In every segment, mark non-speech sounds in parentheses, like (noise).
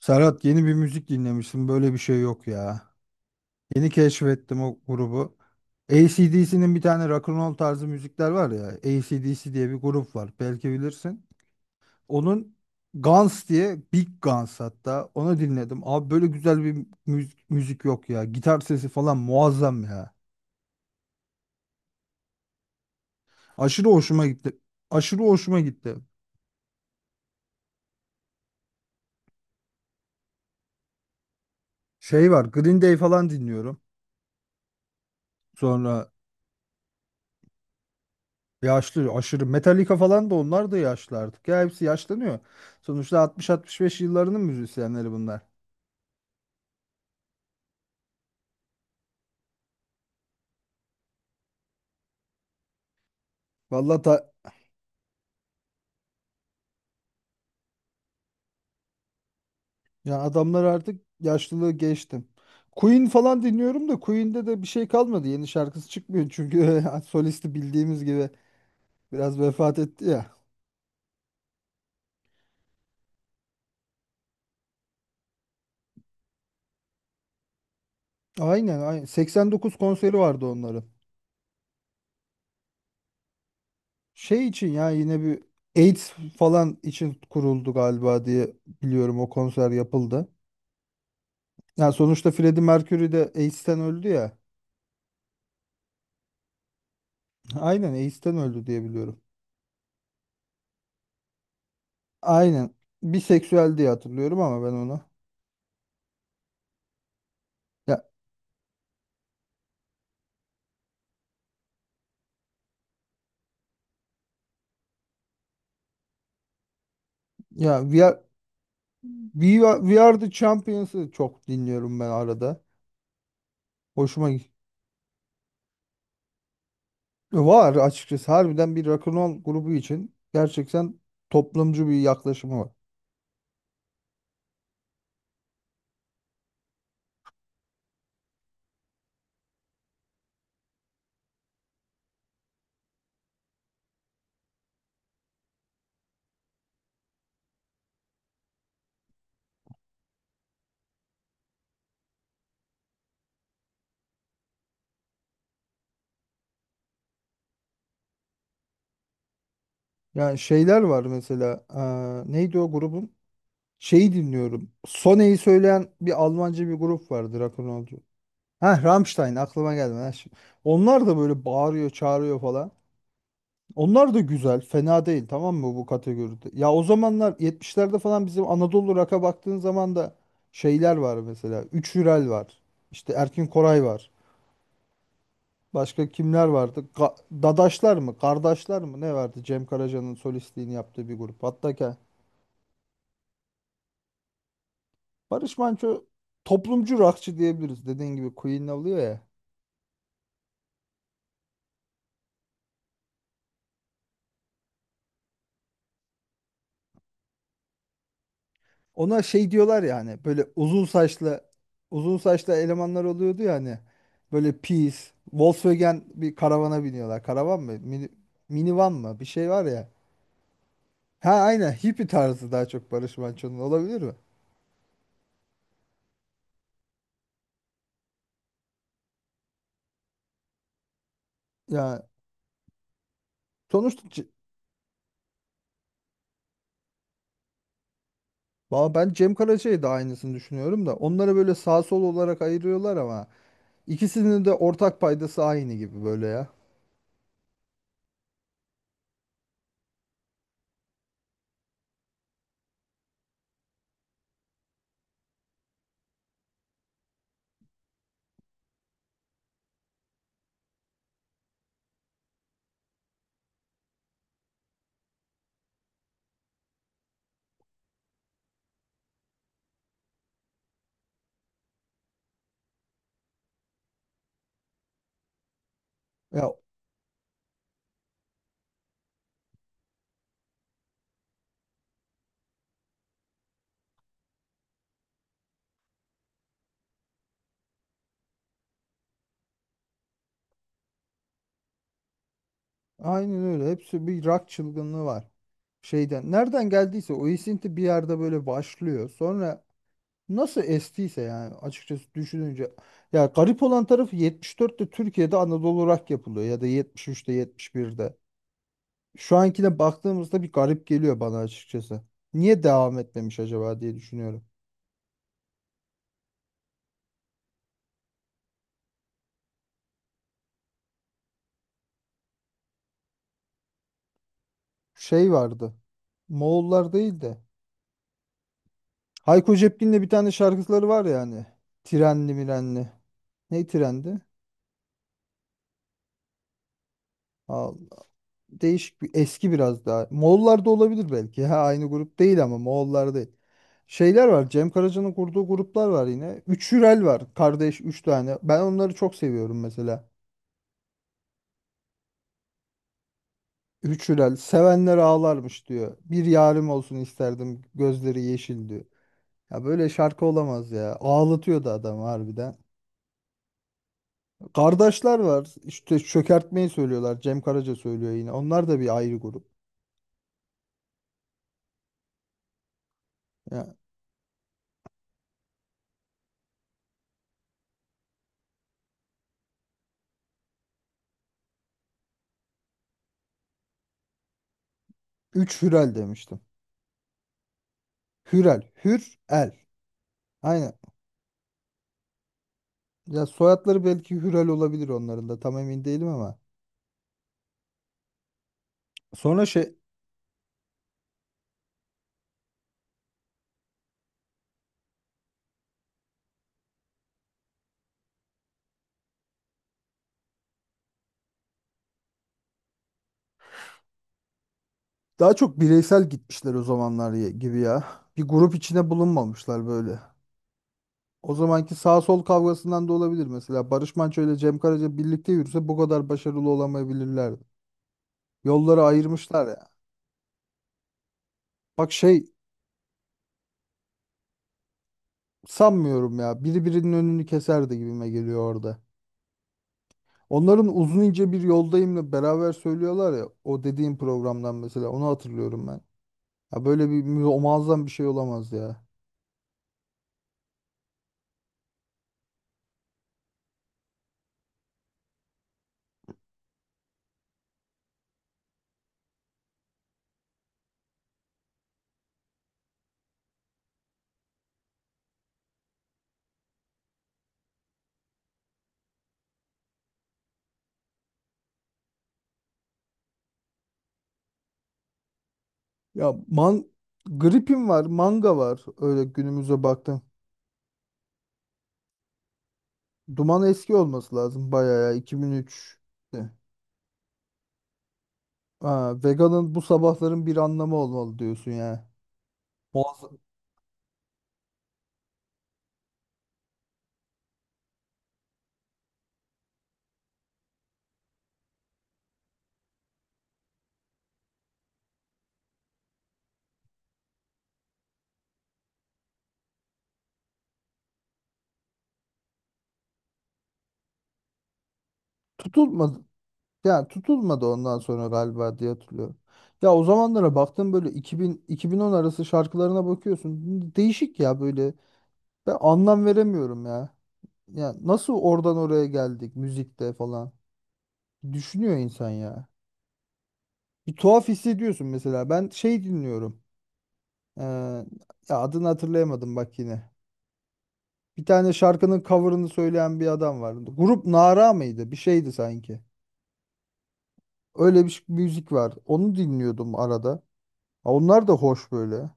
Serhat yeni bir müzik dinlemişsin. Böyle bir şey yok ya. Yeni keşfettim o grubu. AC/DC'nin bir tane rock and roll tarzı müzikler var ya. AC/DC diye bir grup var. Belki bilirsin. Onun Guns diye Big Guns hatta onu dinledim. Abi böyle güzel bir müzik, müzik yok ya. Gitar sesi falan muazzam ya. Aşırı hoşuma gitti. Aşırı hoşuma gitti. Şey var, Green Day falan dinliyorum. Sonra. Yaşlı, aşırı Metallica falan, da onlar da yaşlı artık. Ya hepsi yaşlanıyor. Sonuçta 60-65 yıllarının müzisyenleri bunlar. Vallahi ta, ya adamlar artık yaşlılığı geçtim. Queen falan dinliyorum da Queen'de de bir şey kalmadı. Yeni şarkısı çıkmıyor çünkü (laughs) solisti bildiğimiz gibi biraz vefat etti ya. Aynen, aynen. 89 konseri vardı onların. Şey için ya, yine bir AIDS falan için kuruldu galiba diye biliyorum o konser yapıldı. Yani sonuçta Freddie Mercury de AIDS'ten öldü ya. Aynen AIDS'ten öldü diye biliyorum. Aynen. Biseksüel diye hatırlıyorum ama ben onu. Ya ya We Are the Champions'ı çok dinliyorum ben arada. Hoşuma gi- var açıkçası. Harbiden bir rock'n'roll grubu için gerçekten toplumcu bir yaklaşımı var. Yani şeyler var mesela. Neydi o grubun? Şeyi dinliyorum. Sone'yi söyleyen bir Almanca bir grup vardı rock'n'rollcu. Ha, Rammstein aklıma geldi. Ha, şimdi- Onlar da böyle bağırıyor, çağırıyor falan. Onlar da güzel, fena değil, tamam mı bu kategoride? Ya, o zamanlar 70'lerde falan bizim Anadolu rock'a baktığın zaman da şeyler var mesela. Üç Hürel var. İşte Erkin Koray var. Başka kimler vardı? Ga- Dadaşlar mı? Kardeşler mi? Ne vardı? Cem Karaca'nın solistliğini yaptığı bir grup. Hatta ke- Barış Manço toplumcu rockçı diyebiliriz. Dediğin gibi Queen oluyor ya. Ona şey diyorlar ya, hani böyle uzun saçlı, uzun saçlı elemanlar oluyordu ya, hani böyle pis Volkswagen bir karavana biniyorlar. Karavan mı? Minivan mı? Bir şey var ya. Ha, aynen hippie tarzı daha çok Barış Manço'nun olabilir mi? Ya sonuçta C- Valla ben Cem Karaca'yı da aynısını düşünüyorum da onları böyle sağ sol olarak ayırıyorlar ama ikisinin de ortak paydası aynı gibi böyle ya. Ya, aynen öyle. Hepsi bir rock çılgınlığı var. Şeyden, nereden geldiyse o esinti bir yerde böyle başlıyor. Sonra nasıl estiyse, yani açıkçası düşününce, ya garip olan tarafı yetmiş dörtte Türkiye'de Anadolu rock yapılıyor ya da 73'te, birde şu ankine baktığımızda bir garip geliyor bana açıkçası. Niye devam etmemiş acaba diye düşünüyorum. Şey vardı. Moğollar değil de. Hayko Cepkin'le bir tane şarkıları var ya hani. Trenli mirenli. Ne trendi? Al, değişik bir eski biraz daha. Moğollar da olabilir belki. Ha, aynı grup değil ama Moğollar değil. Şeyler var. Cem Karaca'nın kurduğu gruplar var yine. Üç Hürel var. Kardeş üç tane. Ben onları çok seviyorum mesela. Üç Hürel. Sevenler ağlarmış diyor. Bir yarim olsun isterdim. Gözleri yeşil diyor. Ya, böyle şarkı olamaz ya. Ağlatıyordu adam harbiden. Kardeşler var. İşte çökertmeyi söylüyorlar. Cem Karaca söylüyor yine. Onlar da bir ayrı grup. Ya, üç Hürel demiştim. Hürel. Hürel. Aynen. Ya, soyadları belki Hürel olabilir onların da. Tam emin değilim ama. Sonra şey, daha çok bireysel gitmişler o zamanlar ya- gibi ya. Bir grup içine bulunmamışlar böyle. O zamanki sağ sol kavgasından da olabilir mesela. Barış Manço ile Cem Karaca birlikte yürüse bu kadar başarılı olamayabilirlerdi. Yolları ayırmışlar ya. Bak şey. Sanmıyorum ya. Biri birinin önünü keserdi gibime geliyor orada. Onların Uzun ince bir Yoldayım'la beraber söylüyorlar ya. O dediğim programdan mesela onu hatırlıyorum ben. Ya böyle bir mü- muazzam bir şey olamaz ya. Ya, man gripim var, manga var. Öyle günümüze baktım. Duman eski olması lazım bayağı ya, 2003. Ha, veganın bu sabahların bir anlamı olmalı diyorsun ya. Muazzam. Yani tutulmadı ondan sonra galiba diye hatırlıyorum. Ya, o zamanlara baktım böyle 2000 2010 arası şarkılarına bakıyorsun. Değişik ya böyle. Ben anlam veremiyorum ya. Ya nasıl oradan oraya geldik müzikte falan. Düşünüyor insan ya. Bir tuhaf hissediyorsun mesela. Ben şey dinliyorum. Ee, ya adını hatırlayamadım bak yine. Bir tane şarkının cover'ını söyleyen bir adam vardı. Grup Nara mıydı? Bir şeydi sanki. Öyle bir ş- müzik var. Onu dinliyordum arada. Ha, onlar da hoş böyle.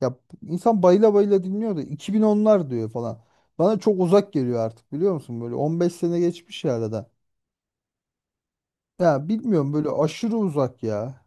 Ya insan bayıla bayıla dinliyor da 2010'lar diyor falan. Bana çok uzak geliyor artık, biliyor musun? Böyle 15 sene geçmiş ya arada. Ya bilmiyorum, böyle aşırı uzak ya.